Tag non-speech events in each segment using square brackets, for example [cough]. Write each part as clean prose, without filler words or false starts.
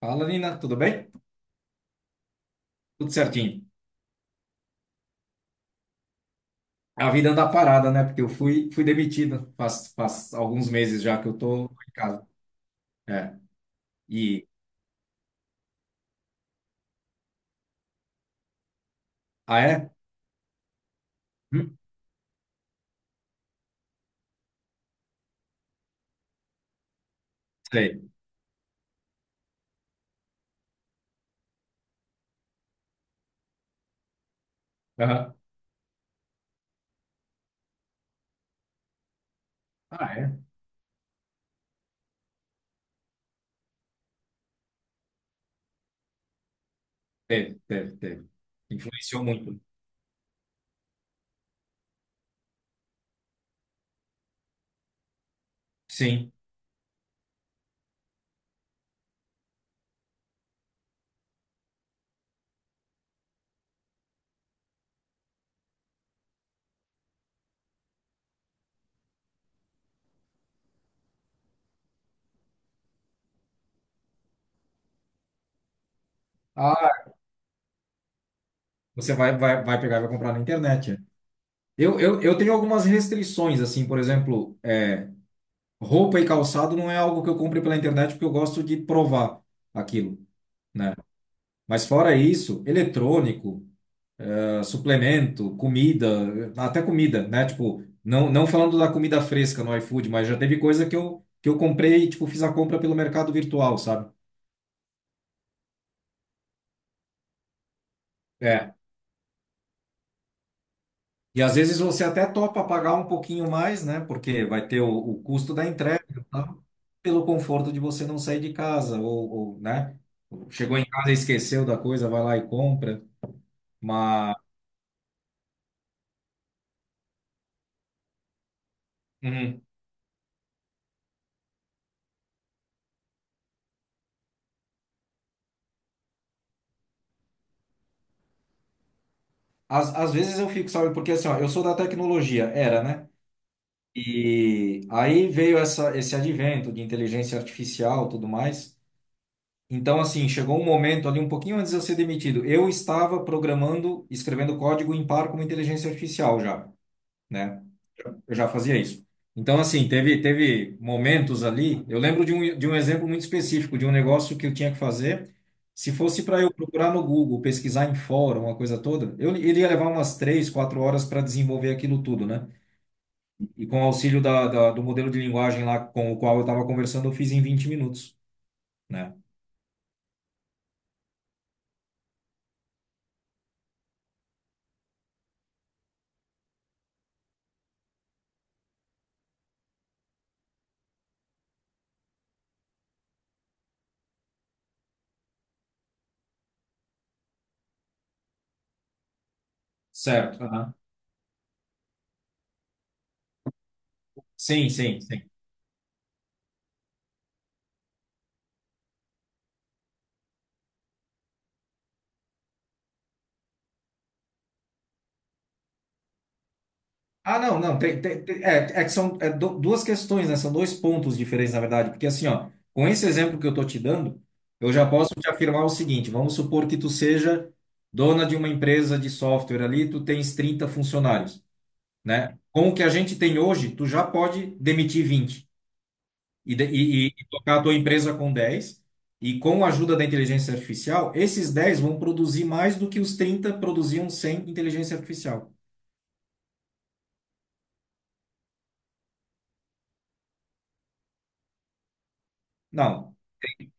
Fala, Nina, tudo bem? Tudo certinho. A vida anda parada, né? Porque eu fui demitido faz alguns meses já que eu tô em casa. É. E. Ah, é? Hum, sei. Aham. Ah, é? Teve, teve, teve. Influenciou muito. Sim. Ah, você vai pegar e vai comprar na internet. É. Eu tenho algumas restrições, assim, por exemplo, roupa e calçado não é algo que eu compre pela internet porque eu gosto de provar aquilo, né? Mas fora isso, eletrônico, suplemento, comida, até comida, né? Tipo, não falando da comida fresca no iFood, mas já teve coisa que eu comprei e, tipo, fiz a compra pelo mercado virtual, sabe? É. E às vezes você até topa pagar um pouquinho mais, né? Porque vai ter o custo da entrega, e tal, pelo conforto de você não sair de casa, ou, né? Chegou em casa e esqueceu da coisa, vai lá e compra. Mas uhum, às vezes eu fico, sabe? Porque assim, ó, eu sou da tecnologia, era, né? E aí veio esse advento de inteligência artificial, tudo mais. Então, assim, chegou um momento ali um pouquinho antes de eu ser demitido. Eu estava programando, escrevendo código em par com uma inteligência artificial já, né? Eu já fazia isso. Então, assim, teve momentos ali. Eu lembro de um exemplo muito específico, de um negócio que eu tinha que fazer. Se fosse para eu procurar no Google, pesquisar em fórum, uma coisa toda, eu, ele ia levar umas 3, 4 horas para desenvolver aquilo tudo, né? E com o auxílio do modelo de linguagem lá com o qual eu estava conversando, eu fiz em 20 minutos, né? Certo. Aham. Sim, sim, sim. Ah, não. É que são duas questões, né? São dois pontos diferentes, na verdade. Porque assim, ó, com esse exemplo que eu tô te dando, eu já posso te afirmar o seguinte: vamos supor que tu seja dona de uma empresa de software ali, tu tens 30 funcionários, né? Com o que a gente tem hoje, tu já pode demitir 20 e tocar a tua empresa com 10 e com a ajuda da inteligência artificial, esses 10 vão produzir mais do que os 30 produziam sem inteligência artificial. Não,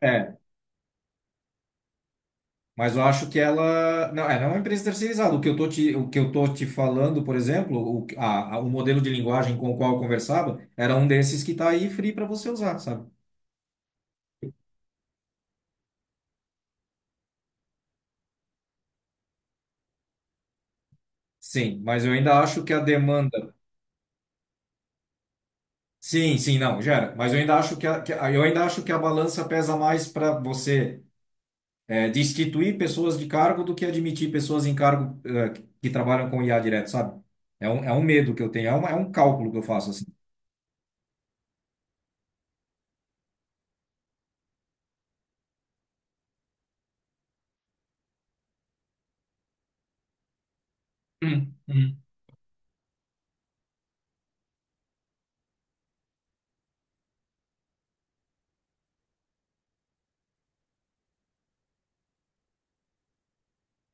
é, mas eu acho que ela não é uma empresa terceirizada. O que eu tô te, o que eu tô te falando, por exemplo, o modelo de linguagem com o qual eu conversava era um desses que está aí free para você usar, sabe? Sim, mas eu ainda acho que a demanda. Sim, sim, não, gera. Mas eu ainda acho que a balança pesa mais para você destituir pessoas de cargo do que admitir pessoas em cargo, que trabalham com IA direto, sabe? É um medo que eu tenho, é um cálculo que eu faço assim. Hum, hum.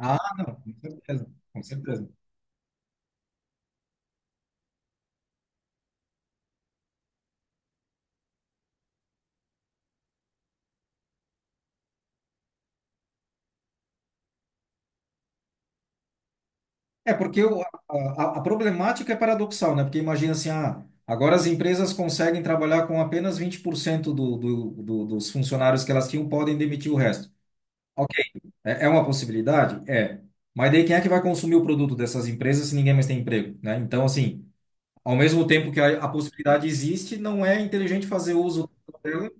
Ah, não, com certeza, com certeza. É porque a problemática é paradoxal, né? Porque imagina assim, ah, agora as empresas conseguem trabalhar com apenas 20% dos funcionários que elas tinham, podem demitir o resto. Ok, é, é uma possibilidade? É. Mas daí quem é que vai consumir o produto dessas empresas se ninguém mais tem emprego, né? Então, assim, ao mesmo tempo que a possibilidade existe, não é inteligente fazer uso dela.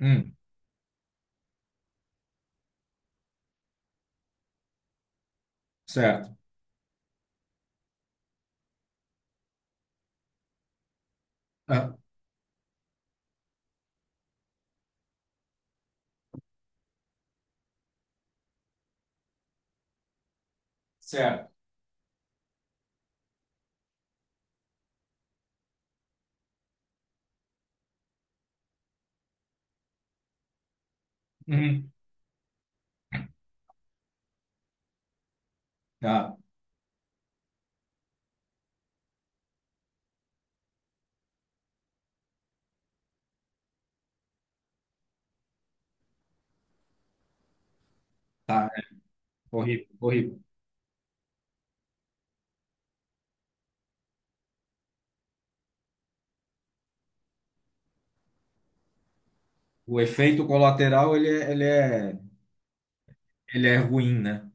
Hum, certo. Ah, certo. Uhum. Ah, tá. É horrível, horrível. O efeito colateral, ele é ruim, né?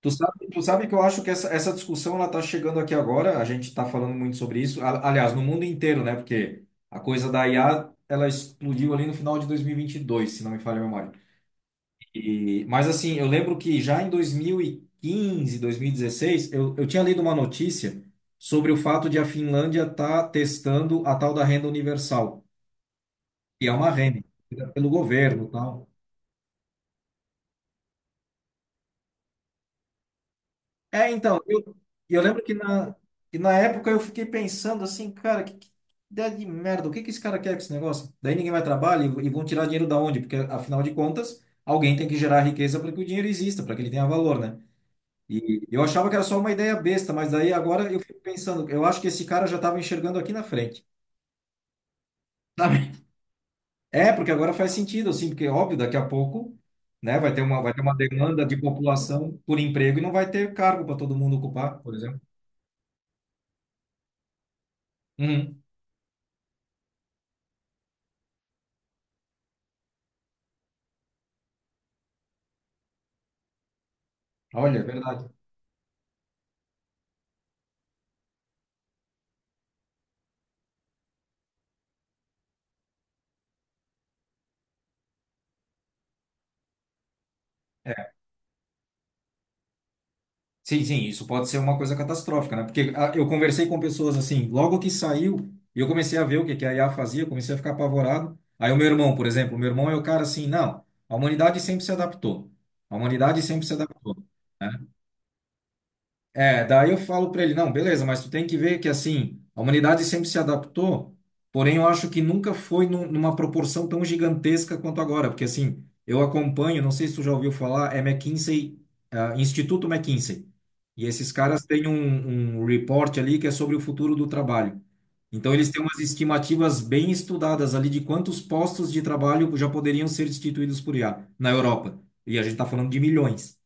Tu sabe que eu acho que essa discussão ela tá chegando aqui agora, a gente está falando muito sobre isso, aliás, no mundo inteiro, né? Porque a coisa da IA, ela explodiu ali no final de 2022, se não me falha a memória. E, mas assim, eu lembro que já em 2015, 2016, eu tinha lido uma notícia sobre o fato de a Finlândia estar testando a tal da renda universal, que é uma renda pelo governo, e tal. É, então, eu que na época eu fiquei pensando assim, cara, que ideia de merda, o que que esse cara quer com esse negócio? Daí ninguém vai trabalhar e vão tirar dinheiro da onde? Porque, afinal de contas, alguém tem que gerar riqueza para que o dinheiro exista, para que ele tenha valor, né? E eu achava que era só uma ideia besta, mas daí agora eu fico pensando, eu acho que esse cara já estava enxergando aqui na frente, [laughs] sabe? É, porque agora faz sentido, assim, porque óbvio, daqui a pouco, né, vai ter uma demanda de população por emprego e não vai ter cargo para todo mundo ocupar, por exemplo. Uhum. Olha, é verdade. É. Sim, sim, isso pode ser uma coisa catastrófica, né? Porque ah, eu conversei com pessoas assim, logo que saiu, e eu comecei a ver o que que a IA fazia, comecei a ficar apavorado. Aí o meu irmão, por exemplo, o meu irmão é o cara assim, não, a humanidade sempre se adaptou. A humanidade sempre se adaptou, né? É, daí eu falo para ele, não, beleza, mas tu tem que ver que assim, a humanidade sempre se adaptou, porém eu acho que nunca foi numa proporção tão gigantesca quanto agora, porque assim, eu acompanho, não sei se tu já ouviu falar, McKinsey, ah, Instituto McKinsey. E esses caras têm um report ali que é sobre o futuro do trabalho. Então eles têm umas estimativas bem estudadas ali de quantos postos de trabalho já poderiam ser destituídos por IA na Europa. E a gente está falando de milhões.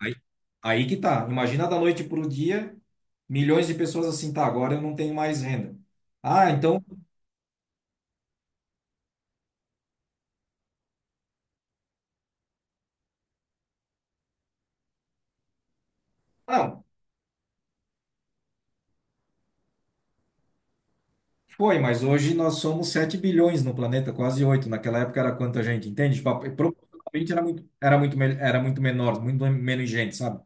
Aí, aí que tá. Imagina da noite para o dia, milhões de pessoas assim, tá, agora eu não tenho mais renda. Ah, então, não, foi, mas hoje nós somos 7 bilhões no planeta, quase 8. Naquela época era quanta gente, entende? Tipo, proporcionalmente era muito menor, muito menos gente, sabe?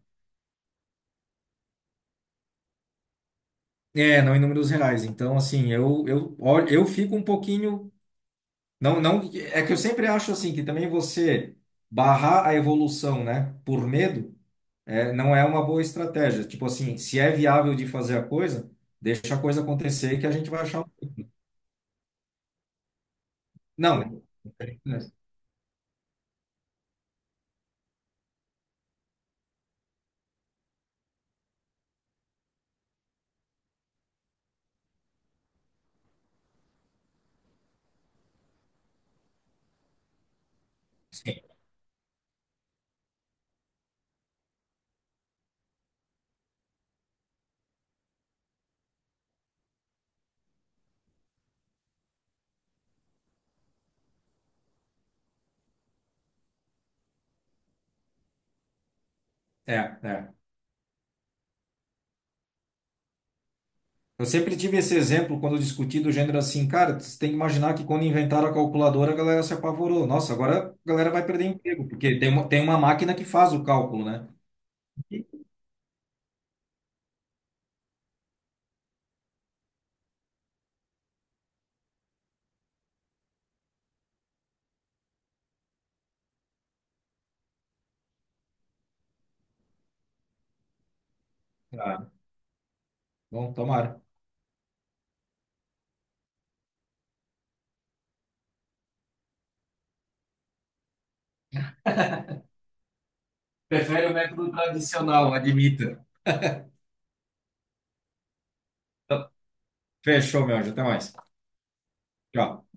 É, não em números reais. Então, assim, eu fico um pouquinho. Não, não, é que eu sempre acho assim, que também você barrar a evolução, né, por medo. É, não é uma boa estratégia. Tipo assim, se é viável de fazer a coisa, deixa a coisa acontecer que a gente vai achar. Um- não. Sim. É, é. Eu sempre tive esse exemplo quando eu discuti do gênero assim, cara, você tem que imaginar que quando inventaram a calculadora, a galera se apavorou. Nossa, agora a galera vai perder emprego, porque tem uma máquina que faz o cálculo, né? E- ah, bom, tomara. Prefere o método tradicional, admita. Tá. Fechou, meu anjo. Até mais. Tchau.